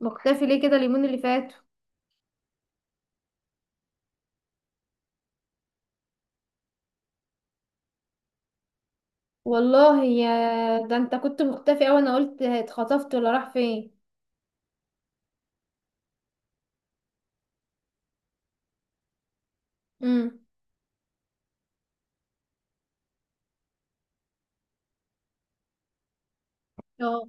مختفي ليه كده اليومين اللي فاتوا؟ والله يا ده، انت كنت مختفي اوي، انا قلت اتخطفت ولا راح فين. امم. اه.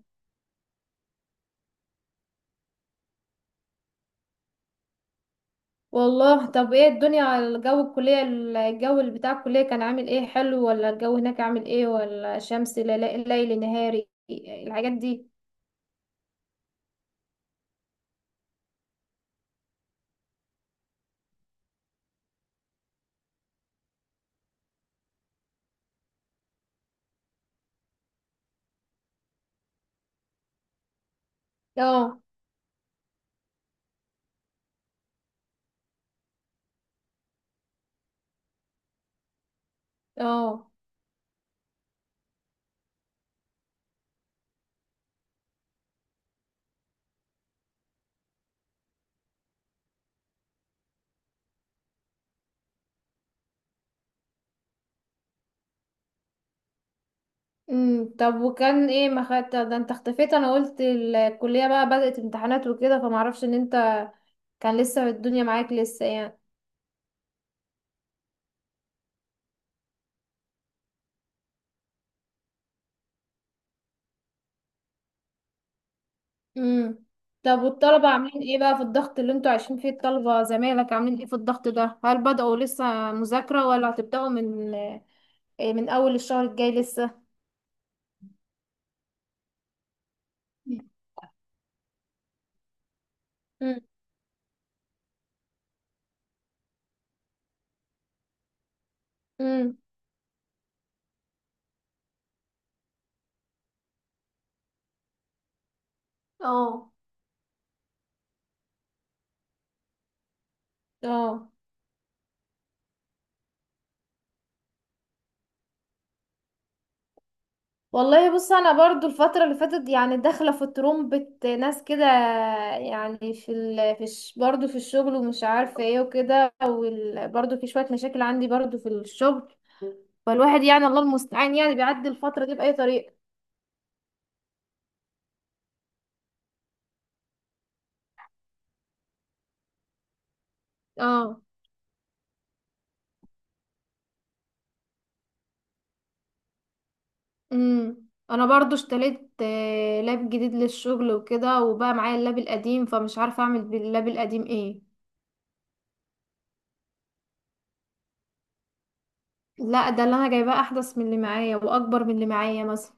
والله، طب ايه الدنيا على الجو الكلية؟ الجو اللي بتاع الكلية كان عامل ايه، حلو ولا الجو هناك عامل ايه، ولا شمس ليل نهاري الحاجات دي؟ اه. اه. طب وكان ايه، ما خدت ده انت اختفيت، انا قلت الكلية بقى بدأت امتحانات وكده فمعرفش ان انت كان لسه الدنيا معاك لسه يعني. امم طب والطلبة عاملين ايه بقى في الضغط اللي انتوا عايشين فيه؟ الطلبة زمايلك عاملين ايه في الضغط ده؟ هل بدأوا لسه مذاكرة ولا هتبدأوا من اول الشهر الجاي لسه؟ امم. امم. اه. اه. والله بص، انا برضو الفترة اللي فاتت يعني داخلة في ترومبة ناس كده، يعني في ال... في الش... برضو في الشغل، ومش عارفة ايه وكده، برضو في شوية مشاكل عندي برضو في الشغل. فالواحد يعني الله المستعان يعني بيعدي الفترة دي بأي طريقة. اه. امم. انا برضو اشتريت لاب جديد للشغل وكده، وبقى معايا اللاب القديم فمش عارفه اعمل باللاب القديم ايه. لا، ده اللي انا جايباه احدث من اللي معايا واكبر من اللي معايا مثلا.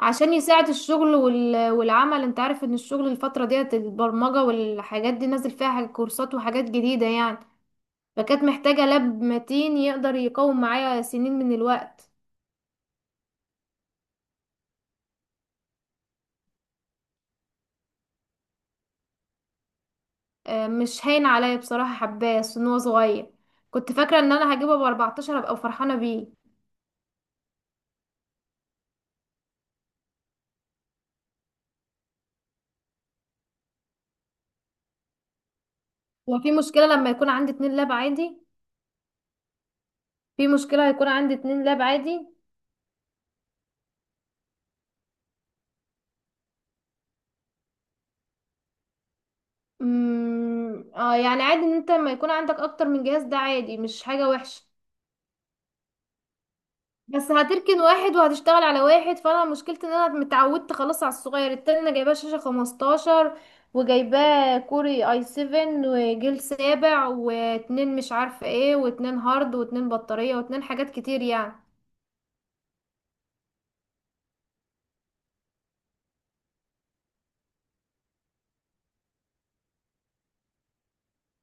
عشان يساعد الشغل والعمل. انت عارف ان الشغل الفتره ديت البرمجه والحاجات دي نازل فيها حاجة كورسات وحاجات جديده يعني. فكانت محتاجه لاب متين يقدر يقوم معايا سنين من الوقت. مش هين عليا بصراحه، حباه أصل ان هو صغير. كنت فاكره ان انا هجيبه ب 14 ابقى فرحانه بيه. وفي مشكلة لما يكون عندي اتنين لاب عادي؟ في مشكلة هيكون عندي اتنين لاب عادي؟ امم. اه يعني عادي، ان انت لما يكون عندك اكتر من جهاز ده عادي مش حاجة وحشة. بس هتركن واحد وهتشتغل على واحد، فانا مشكلتي ان انا متعودت خلاص على الصغير. التاني انا جايباه شاشة 15 وجايباه كوري اي 7 وجيل سابع واتنين مش عارفة ايه واتنين هارد واتنين بطارية واتنين حاجات كتير يعني.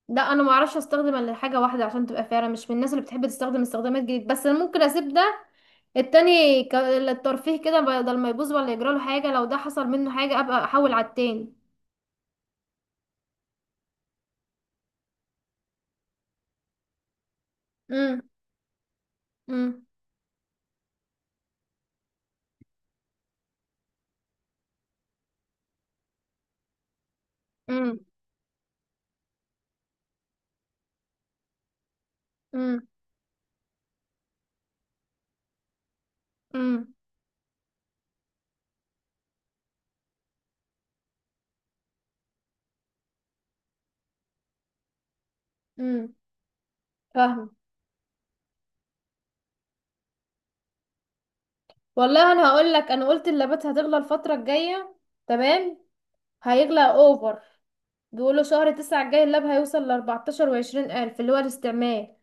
لا انا ما اعرفش استخدم الا حاجه واحده عشان تبقى فعلا مش من الناس اللي بتحب تستخدم استخدامات جديده. بس انا ممكن اسيب ده التاني للترفيه كده، بدل ما يبوظ ولا يجرى له حاجه. لو ده حصل منه حاجه ابقى احول على التاني. امم. امم. امم. امم. امم. امم. فاهمه. والله انا هقول لك، انا قلت اللابات هتغلى الفتره الجايه. تمام. هيغلى اوفر. بيقولوا شهر تسعة الجاي اللاب هيوصل لأربعتاشر وعشرين ألف اللي هو الاستعمال.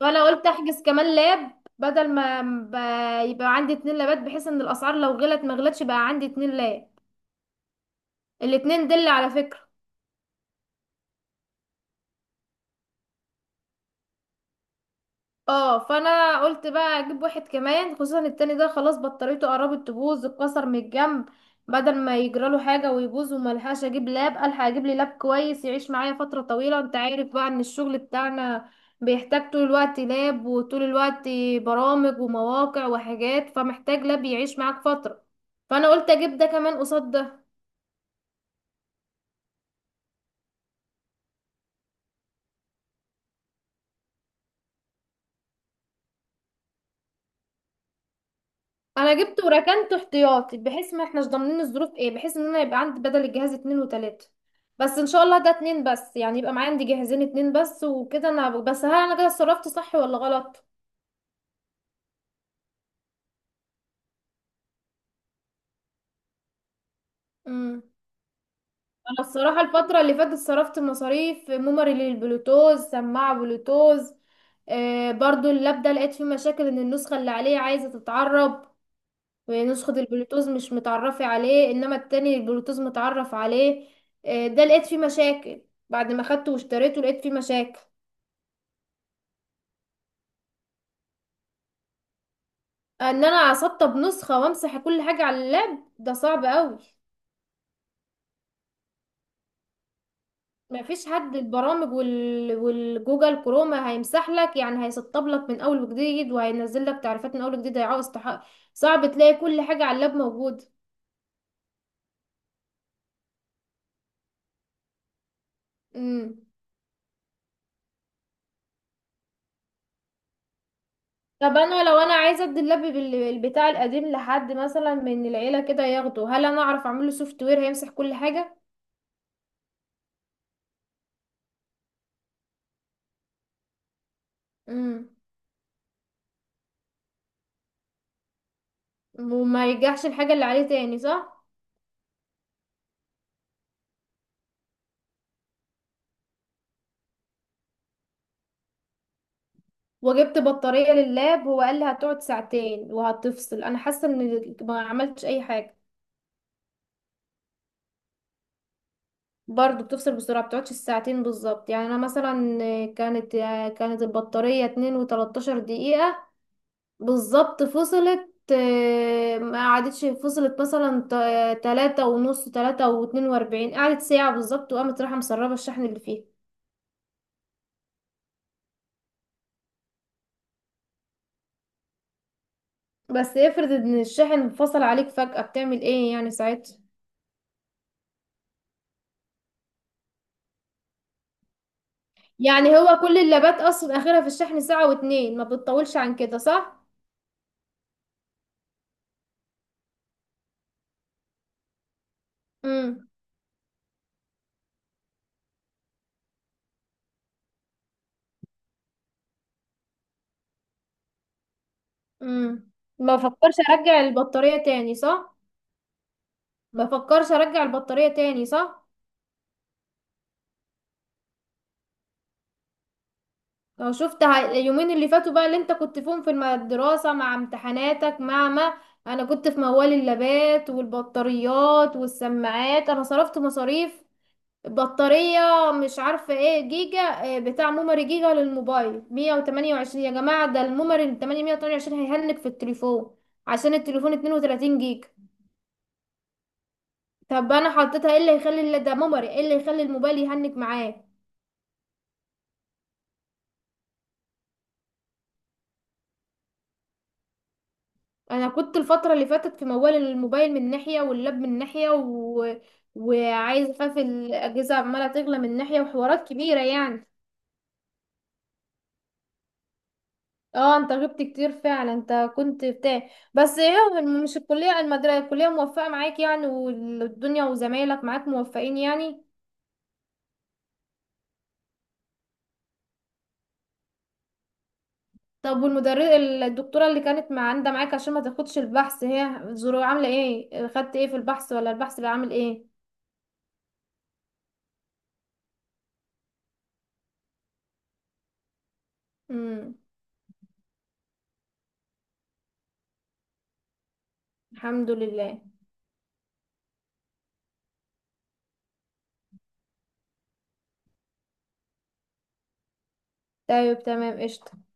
وانا قلت احجز كمان لاب، بدل ما يبقى عندي اتنين لابات، بحيث ان الاسعار لو غلت ما غلتش بقى عندي اتنين لاب. الاتنين دل على فكرة. اه فانا قلت بقى اجيب واحد كمان، خصوصا التاني ده خلاص بطاريته قربت تبوظ، اتكسر من الجنب. بدل ما يجراله حاجه ويبوظ وملحقش اجيب لاب، الحق اجيب لي لاب كويس يعيش معايا فتره طويله. انت عارف بقى ان الشغل بتاعنا بيحتاج طول الوقت لاب، وطول الوقت برامج ومواقع وحاجات، فمحتاج لاب يعيش معاك فتره. فانا قلت اجيب ده كمان قصاد ده. انا جبت وركنته احتياطي، بحيث ما احناش ضامنين الظروف ايه، بحيث ان انا يبقى عندي بدل الجهاز اتنين وتلاتة. بس ان شاء الله ده اتنين بس يعني، يبقى معايا عندي جهازين اتنين بس وكده. انا بس هل انا كده صرفت صح ولا غلط؟ امم. انا الصراحة الفترة اللي فاتت صرفت مصاريف ميموري للبلوتوز، سماعة بلوتوز. آه برضو اللاب ده لقيت فيه مشاكل، ان النسخة اللي عليه عايزة تتعرب. نسخة البلوتوز مش متعرفة عليه، انما التاني البلوتوز متعرف عليه. ده لقيت فيه مشاكل. بعد ما خدته واشتريته لقيت فيه مشاكل. ان انا اسطب نسخة وامسح كل حاجة على اللاب ده صعب قوي. مفيش حد. البرامج والجوجل كروما هيمسح لك يعني، هيسطب لك من اول وجديد، وهينزل لك تعريفات من اول وجديد، هيعوز صعب تلاقي كل حاجة على اللاب موجودة. امم. طب انا لو انا عايزه ادي اللاب بتاع القديم لحد مثلا من العيله كده ياخده، هل انا اعرف اعمل له سوفت وير هيمسح كل حاجه؟ امم. وما يرجعش الحاجه اللي عليه تاني صح؟ وجبت بطاريه لللاب، هو قال لي هتقعد ساعتين وهتفصل، انا حاسه ان ما عملتش اي حاجه. برضه بتفصل بسرعه، بتقعدش الساعتين بالظبط يعني. انا مثلا كانت كانت البطاريه 2 و13 دقيقه بالظبط، فصلت. ما قعدتش، فصلت مثلا تلاتة ونص، تلاتة واتنين واربعين، قعدت ساعة بالظبط، وقامت رايحة مسربة الشحن اللي فيه. بس افرض ان الشحن فصل عليك فجأة، بتعمل ايه يعني ساعتها؟ يعني هو كل اللابات اصلا اخرها في الشحن ساعة واتنين، ما بتطولش عن كده صح؟ امم. امم. ما بفكرش ارجع البطارية تاني صح؟ ما بفكرش ارجع البطارية تاني صح؟ لو شفت اليومين اللي فاتوا بقى اللي انت كنت فيهم في الدراسة مع امتحاناتك، مع ما انا كنت في موال اللابات والبطاريات والسماعات، انا صرفت مصاريف بطارية، مش عارفة ايه جيجا، بتاع ميموري جيجا للموبايل 128. يا جماعة، ده الميموري ال 828 هيهنك في التليفون عشان التليفون 32 جيجا. طب انا حطيتها، ايه اللي هيخلي ده ميموري، ايه اللي يخلي الموبايل يهنك معاك؟ انا كنت الفتره اللي فاتت في موال الموبايل من ناحيه واللاب من ناحيه، و... وعايز اخاف الاجهزه عماله تغلى من ناحيه وحوارات كبيره يعني. اه انت غبت كتير فعلا، انت كنت بتاع بس ايه، مش الكليه المدرسه الكليه موفقه معاك يعني، والدنيا وزمايلك معاك موفقين يعني؟ طب والمدرس، الدكتوره اللي كانت عندها معاك عشان ما تاخدش البحث، هي ظروف عامله ايه، خدت ايه في البحث ولا البحث اللي عامل ايه؟ امم. الحمد لله. طيب تمام قشطه.